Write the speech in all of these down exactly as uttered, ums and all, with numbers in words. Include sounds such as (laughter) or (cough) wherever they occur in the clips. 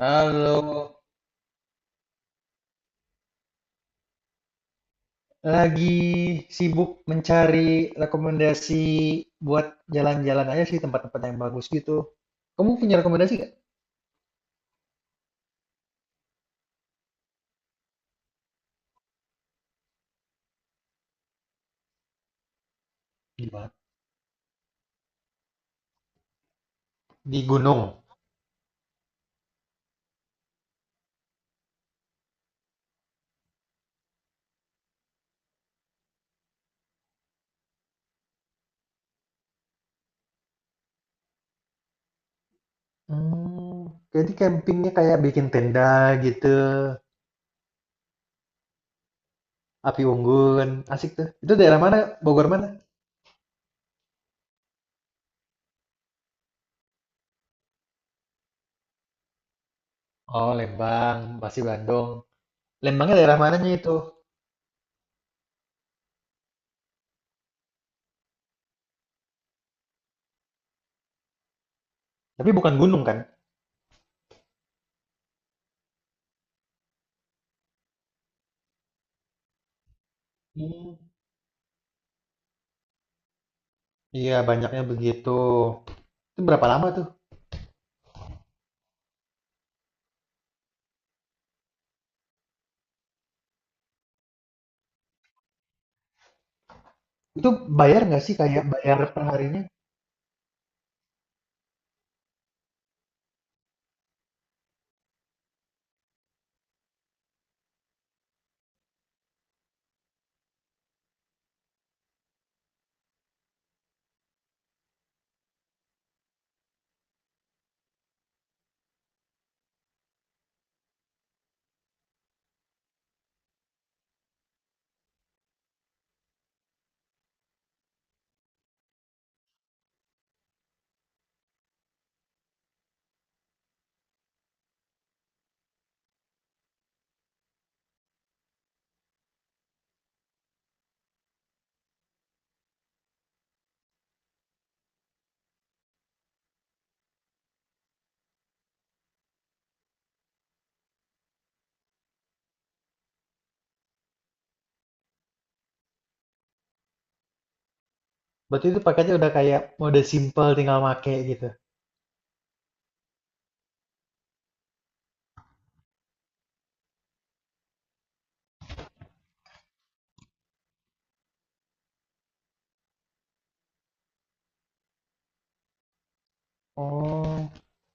Halo, lagi sibuk mencari rekomendasi buat jalan-jalan aja sih tempat-tempat yang bagus gitu. Kamu punya rekomendasi nggak? Di mana? Di gunung. Hmm, jadi campingnya kayak bikin tenda gitu, api unggun, asik tuh. Itu daerah mana? Bogor mana? Oh, Lembang, pasti Bandung. Lembangnya daerah mananya itu? Tapi bukan gunung kan? Hmm, iya banyaknya begitu. Itu berapa lama tuh? Itu bayar nggak sih kayak bayar perharinya? Berarti itu paketnya udah kayak mode simple tinggal make gitu. Oh,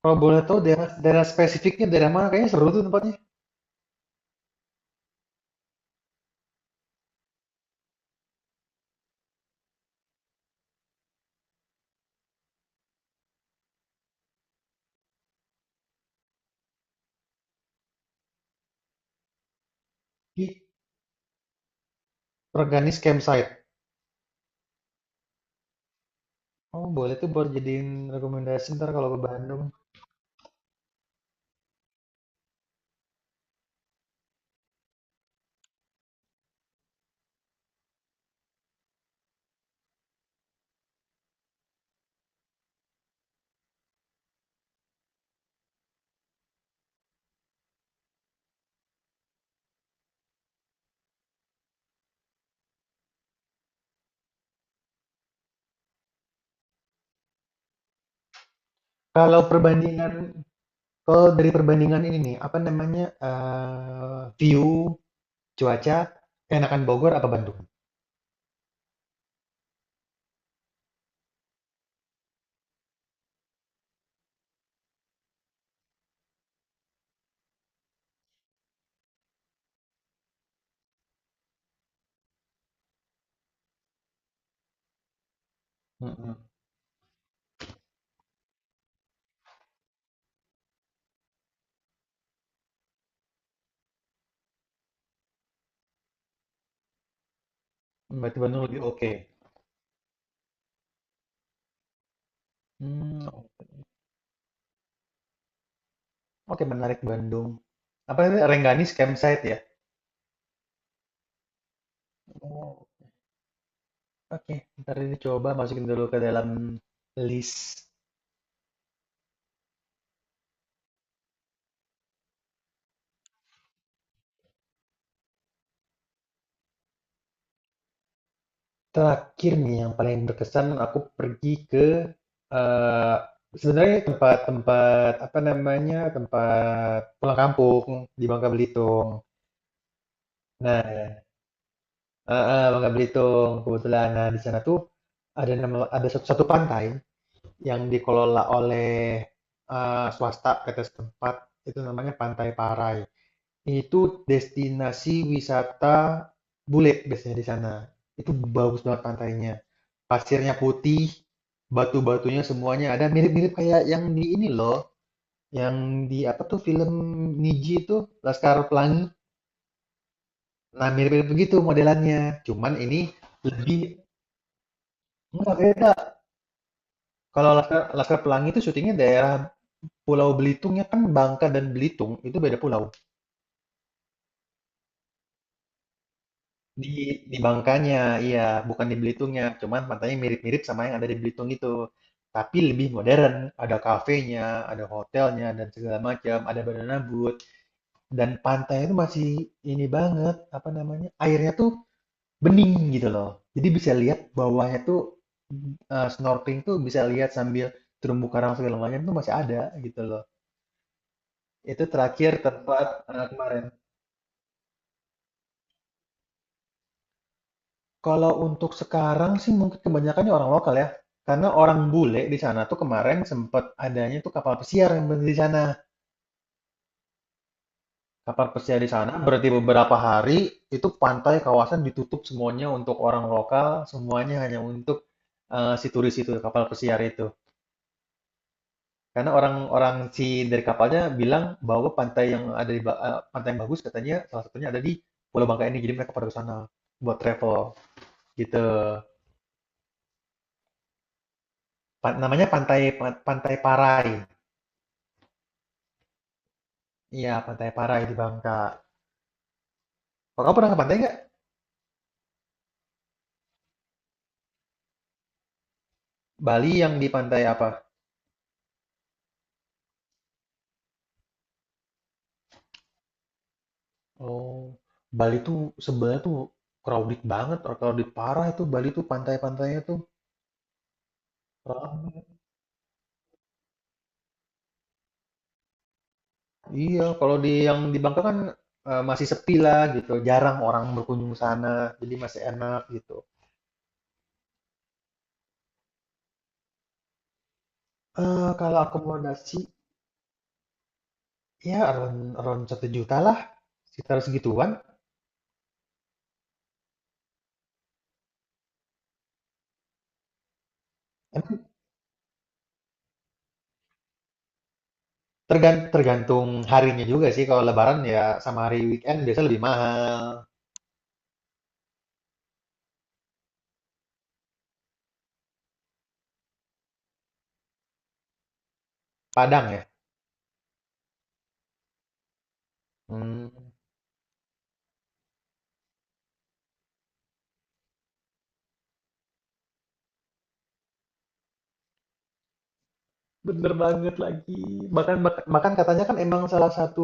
kalau boleh tahu daerah daerah spesifiknya daerah mana? Kayaknya seru tuh tempatnya. Di Organis Campsite. Oh, boleh tuh buat jadiin rekomendasi ntar kalau ke Bandung. Kalau perbandingan, kalau dari perbandingan ini nih, apa namanya, eh view, cuaca, enakan Bogor apa Bandung? Mm-mm. Berarti Bandung lebih oke. Hmm, oke menarik Bandung. Apa namanya, Rengganis Campsite ya? Oh. Oke, ntar ini coba masukin dulu ke dalam list. Terakhir nih yang paling berkesan aku pergi ke eh sebenarnya tempat-tempat apa namanya tempat pulang kampung di Bangka Belitung. Nah, eh, eh, Bangka Belitung kebetulan nah, di sana tuh ada nama ada satu, satu pantai yang dikelola oleh eh, swasta P T setempat itu namanya Pantai Parai. Itu destinasi wisata bule biasanya di sana. Itu bagus banget pantainya. Pasirnya putih, batu-batunya semuanya ada mirip-mirip kayak yang di ini loh, yang di apa tuh film Niji itu Laskar Pelangi. Nah, mirip-mirip begitu modelannya. Cuman ini lebih enggak beda. Kalau Laskar, Laskar Pelangi itu syutingnya daerah Pulau Belitung ya kan Bangka dan Belitung itu beda pulau. Di di Bangkanya, iya, bukan di Belitungnya. Cuman pantainya mirip-mirip sama yang ada di Belitung itu. Tapi lebih modern, ada kafenya, ada hotelnya dan segala macam, ada banana boat dan pantai itu masih ini banget, apa namanya? Airnya tuh bening gitu loh. Jadi bisa lihat bawahnya tuh eh, snorkeling tuh bisa lihat sambil terumbu karang segala macam tuh masih ada gitu loh. Itu terakhir tempat eh, kemarin. Kalau untuk sekarang sih mungkin kebanyakannya orang lokal ya, karena orang bule di sana tuh kemarin sempet adanya tuh kapal pesiar yang berhenti di sana. Kapal pesiar di sana berarti beberapa hari itu pantai kawasan ditutup semuanya untuk orang lokal, semuanya hanya untuk eh, si turis itu kapal pesiar itu. Karena orang-orang si dari kapalnya bilang bahwa pantai yang ada di Ba- eh, pantai yang bagus katanya salah satunya ada di Pulau Bangka ini, jadi mereka pada ke sana buat travel gitu. Pa- namanya pantai Pantai Parai. Iya, Pantai Parai di Bangka. Oh, kamu pernah ke pantai nggak? Bali yang di pantai apa? Oh, Bali tuh sebenarnya tuh crowded banget, or crowded parah itu Bali tuh pantai-pantainya tuh ramai. Iya, kalau di yang di Bangka kan eh, masih sepi lah gitu, jarang orang berkunjung ke sana, jadi masih enak gitu. Eh, kalau akomodasi ya around around satu juta lah, sekitar segituan. Emang tergan- tergantung harinya juga sih. Kalau Lebaran ya sama hari weekend biasa lebih mahal. Padang ya? hmm Bener banget lagi. Bahkan bahkan bahkan katanya kan emang salah satu,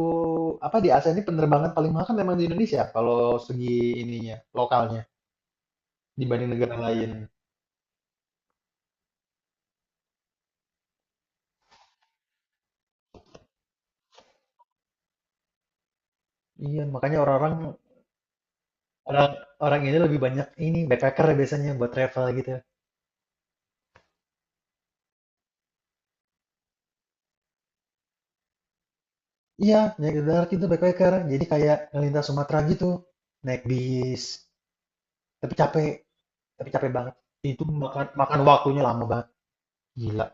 apa, di Asia ini penerbangan paling mahal kan memang di Indonesia kalau segi ininya, lokalnya, dibanding negara lain. Iya, makanya orang-orang orang orang ini lebih banyak ini, backpacker biasanya buat travel gitu. Iya, naik darat itu backpacker. Jadi kayak ngelintas Sumatera gitu, naik bis, tapi capek tapi capek banget. Itu makan makan waktunya lama banget, gila.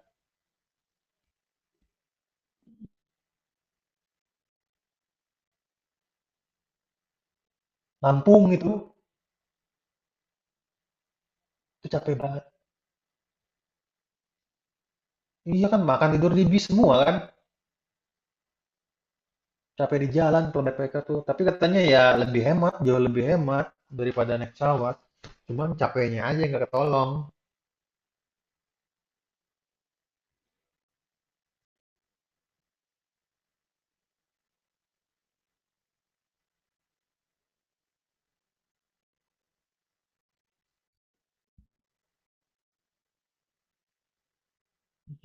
Lampung itu, itu capek banget. Iya kan makan, tidur di bis semua kan. Capek di jalan kalau backpacker tuh. Tapi katanya ya lebih hemat, jauh lebih hemat daripada naik pesawat. Cuman capeknya aja yang nggak ketolong.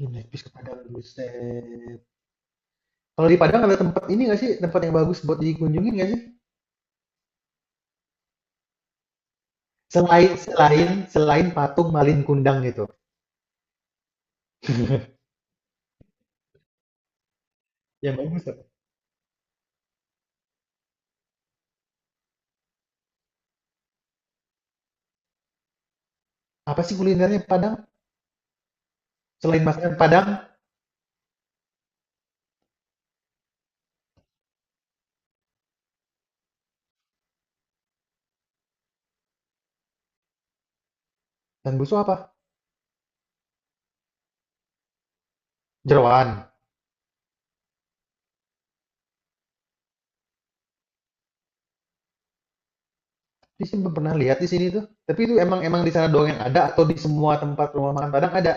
Ih, naik bis ke Padang buset. Kalau di Padang ada tempat ini nggak sih? Tempat yang bagus buat dikunjungin nggak sih? Selain selain Selain patung Malin Kundang gitu. (laughs) Yang bagus apa? Apa sih kulinernya Padang? Selain masakan Padang dan busuk apa? Jeroan. Di sini belum pernah lihat di sini tuh. Tapi itu emang emang di sana doang yang ada atau di semua tempat rumah makan Padang ada.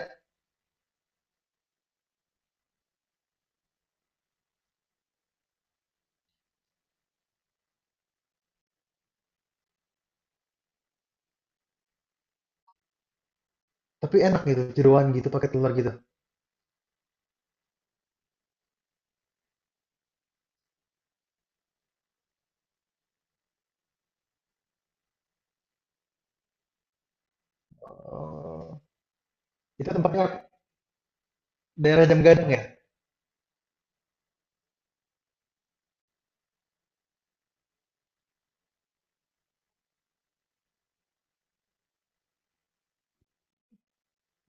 Tapi enak gitu, jeroan gitu pakai telur gitu. Oh, itu tempatnya daerah Jam Gadang ya?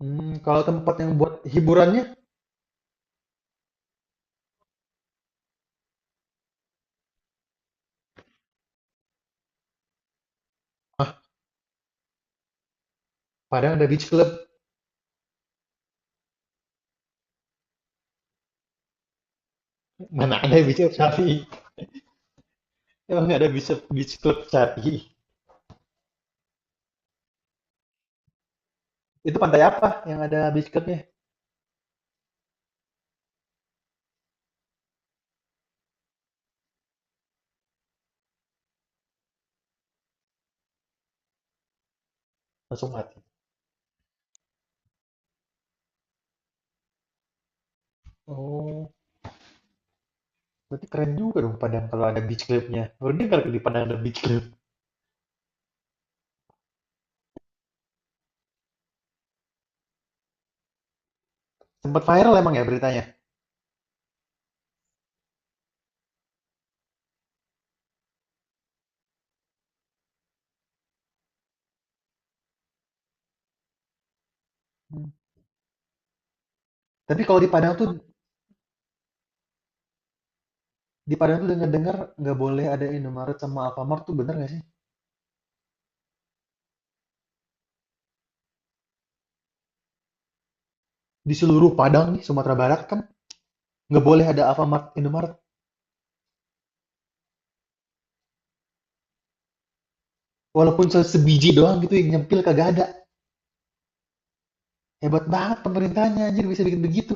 Hmm, kalau tempat yang buat hiburannya, Padang ada beach club. Mana ada beach club Sapi? Emang nggak ada beach, beach club Sapi? Itu pantai apa yang ada beach clubnya? Langsung mati. Oh, berarti keren juga dong Padang kalau ada beach clubnya. Baru dengar di Padang ada beach club. Sempat viral emang ya beritanya. Hmm. Tapi kalau di Padang tuh, di Padang tuh dengar-dengar nggak boleh ada Indomaret sama Alfamart tuh bener nggak sih? Di seluruh Padang nih, Sumatera Barat kan nggak boleh ada Alfamart Indomaret. Walaupun se sebiji doang gitu yang nyempil kagak ada. Hebat banget pemerintahnya anjir bisa bikin begitu.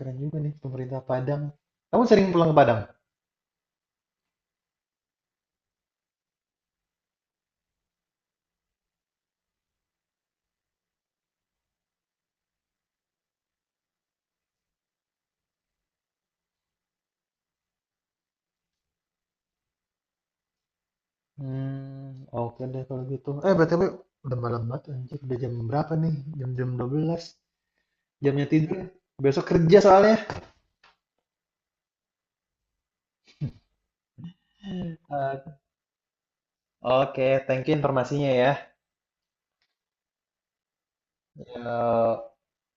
Keren juga nih pemerintah Padang. Kamu sering pulang ke Padang? Hmm, oke deh kalau gitu. Eh, berarti udah malam banget anjir. Udah jam berapa nih? Jam-jam dua belas? Jamnya tidur, ya? Besok kerja soalnya. Eh, Oke, thank you informasinya ya. Ya,